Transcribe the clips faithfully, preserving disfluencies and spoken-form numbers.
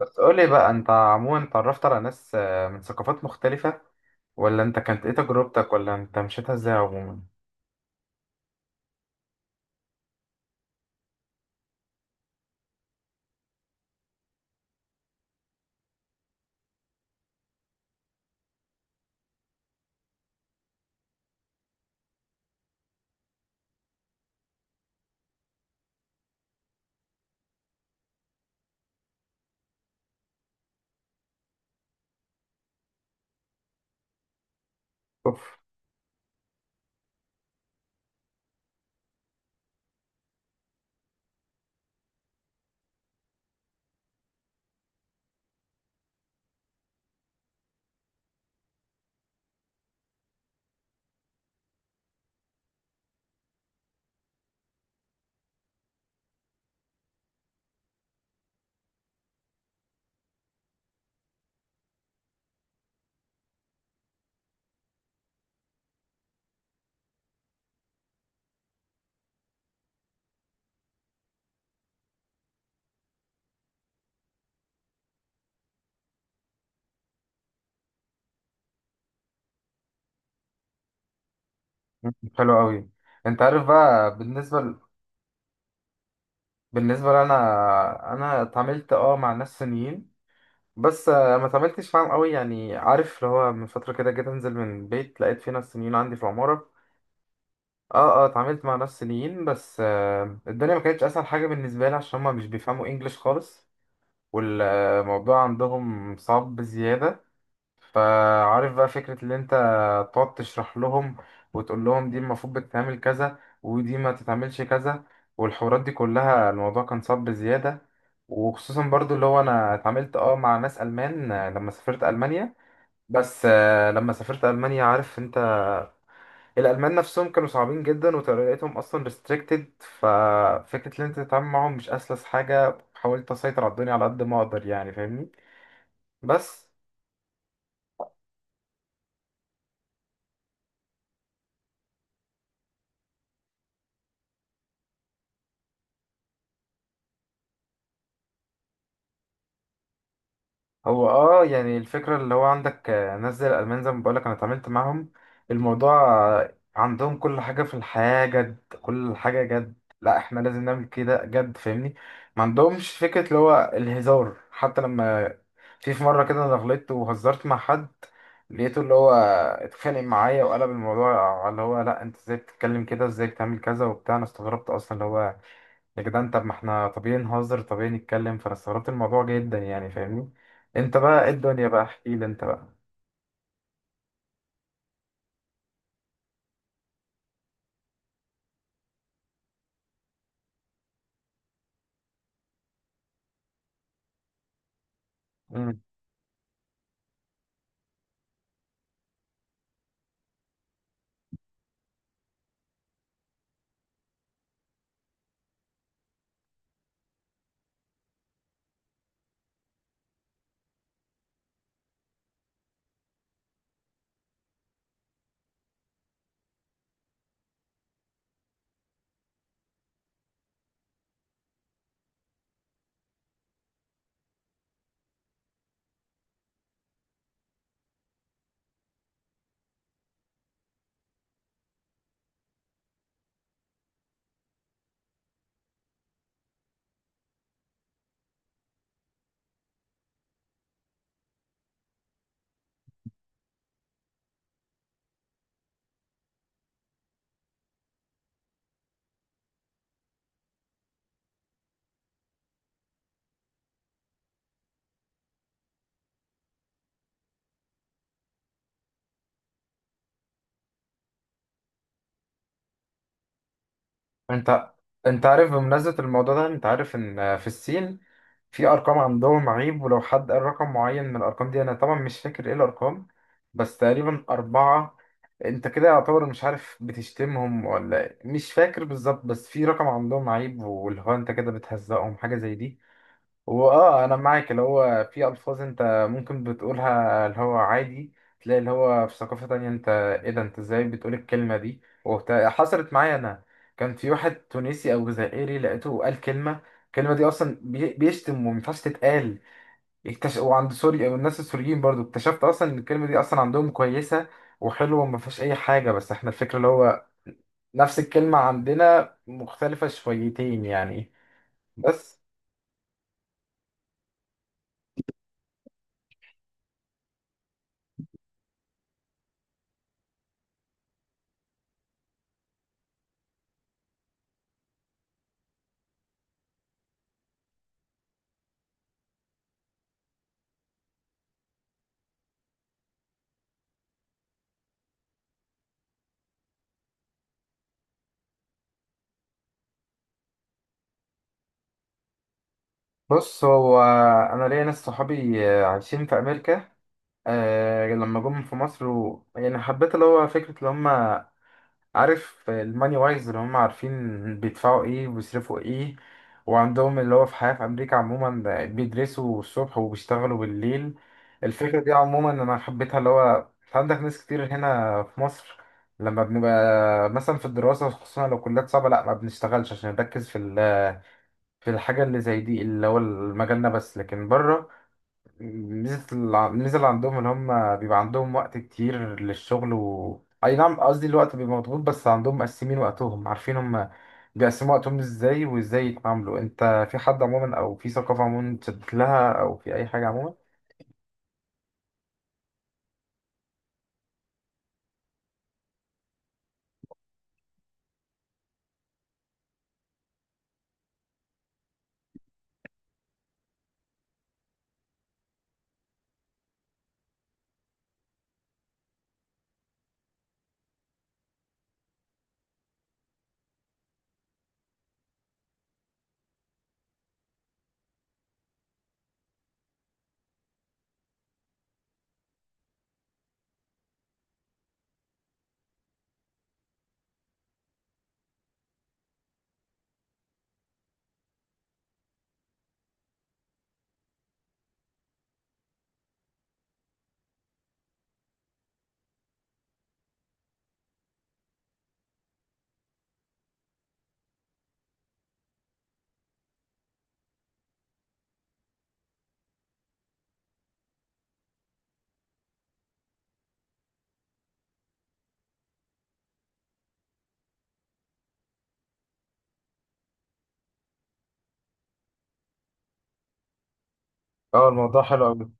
بس قولي بقى، انت عموما اتعرفت على ناس آه، من ثقافات مختلفة، ولا انت كانت ايه تجربتك، ولا انت مشيتها ازاي عموما؟ اوف. حلو قوي. انت عارف بقى، بالنسبة ل... بالنسبة لنا، انا اتعاملت اه مع ناس صينيين. بس آه، ما اتعاملتش معاهم قوي، يعني عارف اللي هو، من فترة كده جيت انزل من البيت لقيت في ناس صينيين عندي في العمارة. اه اه اتعاملت مع ناس صينيين، بس آه، الدنيا ما كانتش اسهل حاجة بالنسبة لي، عشان هما مش بيفهموا انجليش خالص. والموضوع عندهم صعب بزيادة. فعارف بقى فكرة اللي انت تقعد تشرح لهم، وتقول لهم دي المفروض بتتعمل كذا، ودي ما تتعملش كذا، والحوارات دي كلها الموضوع كان صعب بزيادة. وخصوصا برضو اللي هو انا اتعاملت اه مع ناس ألمان، آه، لما سافرت ألمانيا. بس آه، لما سافرت ألمانيا، عارف انت، الألمان نفسهم كانوا صعبين جدا، وطريقتهم أصلا restricted. ففكرة اللي انت تتعامل معاهم مش أسلس حاجة، حاولت أسيطر على الدنيا على قد ما أقدر، يعني فاهمني. بس. هو اه يعني الفكرة اللي هو، عندك آه، ناس زي الألمان زي ما بقولك أنا اتعاملت معاهم. الموضوع آه، عندهم كل حاجة في الحياة جد، كل حاجة جد. لا احنا لازم نعمل كده جد، فاهمني. ما عندهمش فكرة اللي هو الهزار. حتى لما في في مرة كده أنا غلطت وهزرت مع حد، لقيته اللي هو اتخانق معايا، وقلب الموضوع على اللي هو: لا انت ازاي بتتكلم كده، ازاي بتعمل كذا وبتاع؟ انا استغربت اصلا اللي هو، يا جدعان طب ما احنا طبيعي نهزر، طبيعي نتكلم. فانا استغربت الموضوع جدا، يعني فاهمني. انت بقى ايه الدنيا؟ بقى احكي لي انت بقى. مم. انت انت عارف بمناسبة الموضوع ده، انت عارف ان في الصين في ارقام عندهم عيب، ولو حد قال رقم معين من الارقام دي، انا طبعا مش فاكر ايه الارقام، بس تقريبا اربعة. انت كده يعتبر مش عارف، بتشتمهم ولا إيه؟ مش فاكر بالظبط، بس في رقم عندهم عيب، واللي هو انت كده بتهزقهم، حاجة زي دي. هو اه انا معاك اللي هو، في الفاظ انت ممكن بتقولها اللي هو عادي، تلاقي اللي هو في ثقافة تانية، انت ايه ده؟ انت ازاي بتقول الكلمة دي وبتاع؟ حصلت معايا انا، كان في واحد تونسي او جزائري، لقيته قال كلمة، الكلمة دي اصلا بي- بيشتم، ومينفعش تتقال. اكتش... وعند سوريا والناس السوريين برضو اكتشفت اصلا ان الكلمة دي اصلا عندهم كويسة، وحلوة، وما فيهاش اي حاجة، بس احنا الفكرة اللي هو، نفس الكلمة عندنا مختلفة شويتين يعني. بس. بص هو انا ليا ناس صحابي آه، عايشين في امريكا. أه لما جم في مصر و... يعني حبيت اللي هو فكره اللي هم، عارف، الماني وايز اللي هم عارفين بيدفعوا ايه وبيصرفوا ايه، وعندهم اللي هو في حياه في امريكا عموما بيدرسوا الصبح وبيشتغلوا بالليل. الفكره دي عموما انا حبيتها اللي هو، عندك ناس كتير هنا في مصر، لما بنبقى مثلا في الدراسه، خصوصا لو كليات صعبه، لا ما بنشتغلش، عشان نركز في في الحاجة اللي زي دي اللي هو مجالنا، بس لكن بره، ميزة الع- الميزة اللي عندهم اللي هم بيبقى عندهم وقت كتير للشغل، و أي نعم قصدي الوقت بيبقى مضغوط، بس عندهم مقسمين وقتهم، عارفين هم بيقسموا وقتهم ازاي وازاي يتعاملوا. انت في حد عموما، او في ثقافة عموما تشدت لها، او في اي حاجة عموما؟ اه، الموضوع حلو أوي.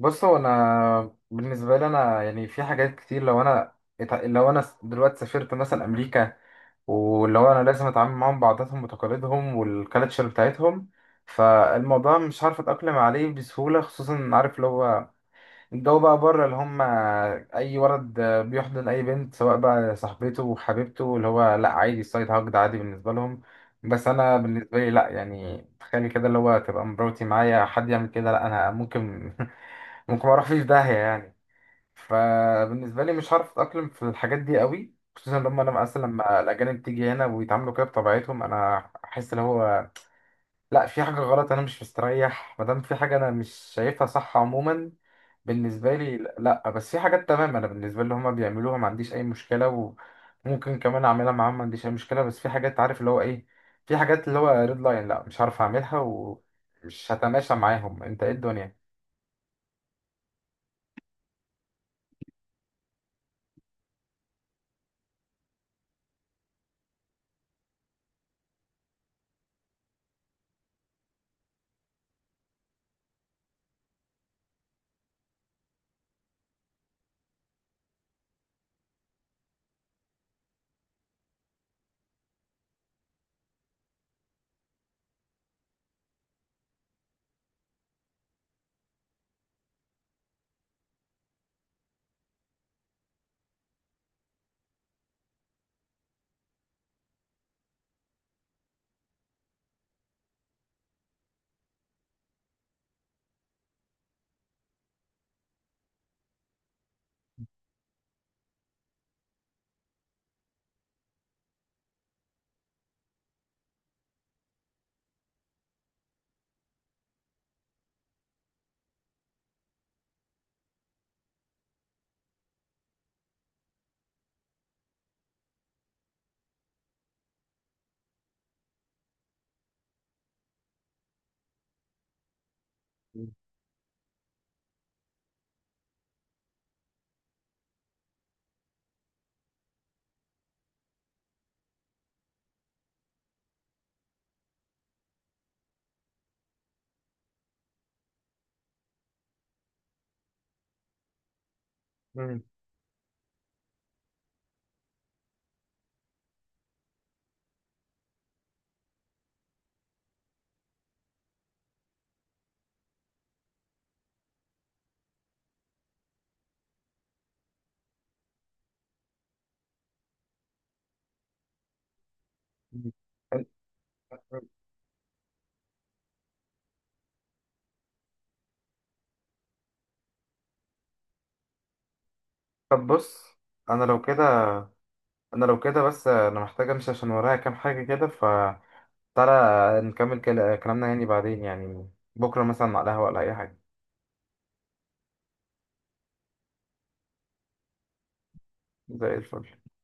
بص هو انا بالنسبه لي انا يعني، في حاجات كتير. لو انا اتع- لو انا س- دلوقتي سافرت مثلا امريكا، واللي هو انا لازم اتعامل معاهم بعاداتهم وتقاليدهم والكالتشر بتاعتهم. فالموضوع مش عارف اتاقلم عليه بسهوله، خصوصا عارف اللي هو الجو بقى بره، اللي هم اي ولد بيحضن اي بنت، سواء بقى صاحبته وحبيبته. اللي هو لا عادي، السايد هاج ده عادي بالنسبه لهم. بس انا بالنسبه لي لا، يعني تخيلي كده اللي هو تبقى مراتي معايا، حد يعمل كده، لا انا ممكن ممكن ما اروح فيه في داهية يعني. فبالنسبة لي مش هعرف اتأقلم في الحاجات دي قوي، خصوصا لما انا اصلا لما الاجانب تيجي هنا ويتعاملوا كده بطبيعتهم، انا احس اللي هو لا، في حاجة غلط، انا مش مستريح ما دام في حاجة انا مش شايفها صح عموما. بالنسبة لي لا، بس في حاجات تمام انا بالنسبة لي هما بيعملوها ما عنديش اي مشكلة، وممكن كمان اعملها معاهم، ما عنديش اي مشكلة، بس في حاجات، عارف اللي هو ايه؟ في حاجات اللي هو ريد لاين، لا مش هعرف اعملها ومش هتماشى معاهم. انت ايه الدنيا؟ مم. مم. طب بص، انا لو كده انا لو كده بس انا محتاج امشي، عشان ورايا كام حاجه كده، فتعالى نكمل كل- كلامنا يعني بعدين، يعني بكره مثلا على القهوه، ولا اي حاجه. زي الفل.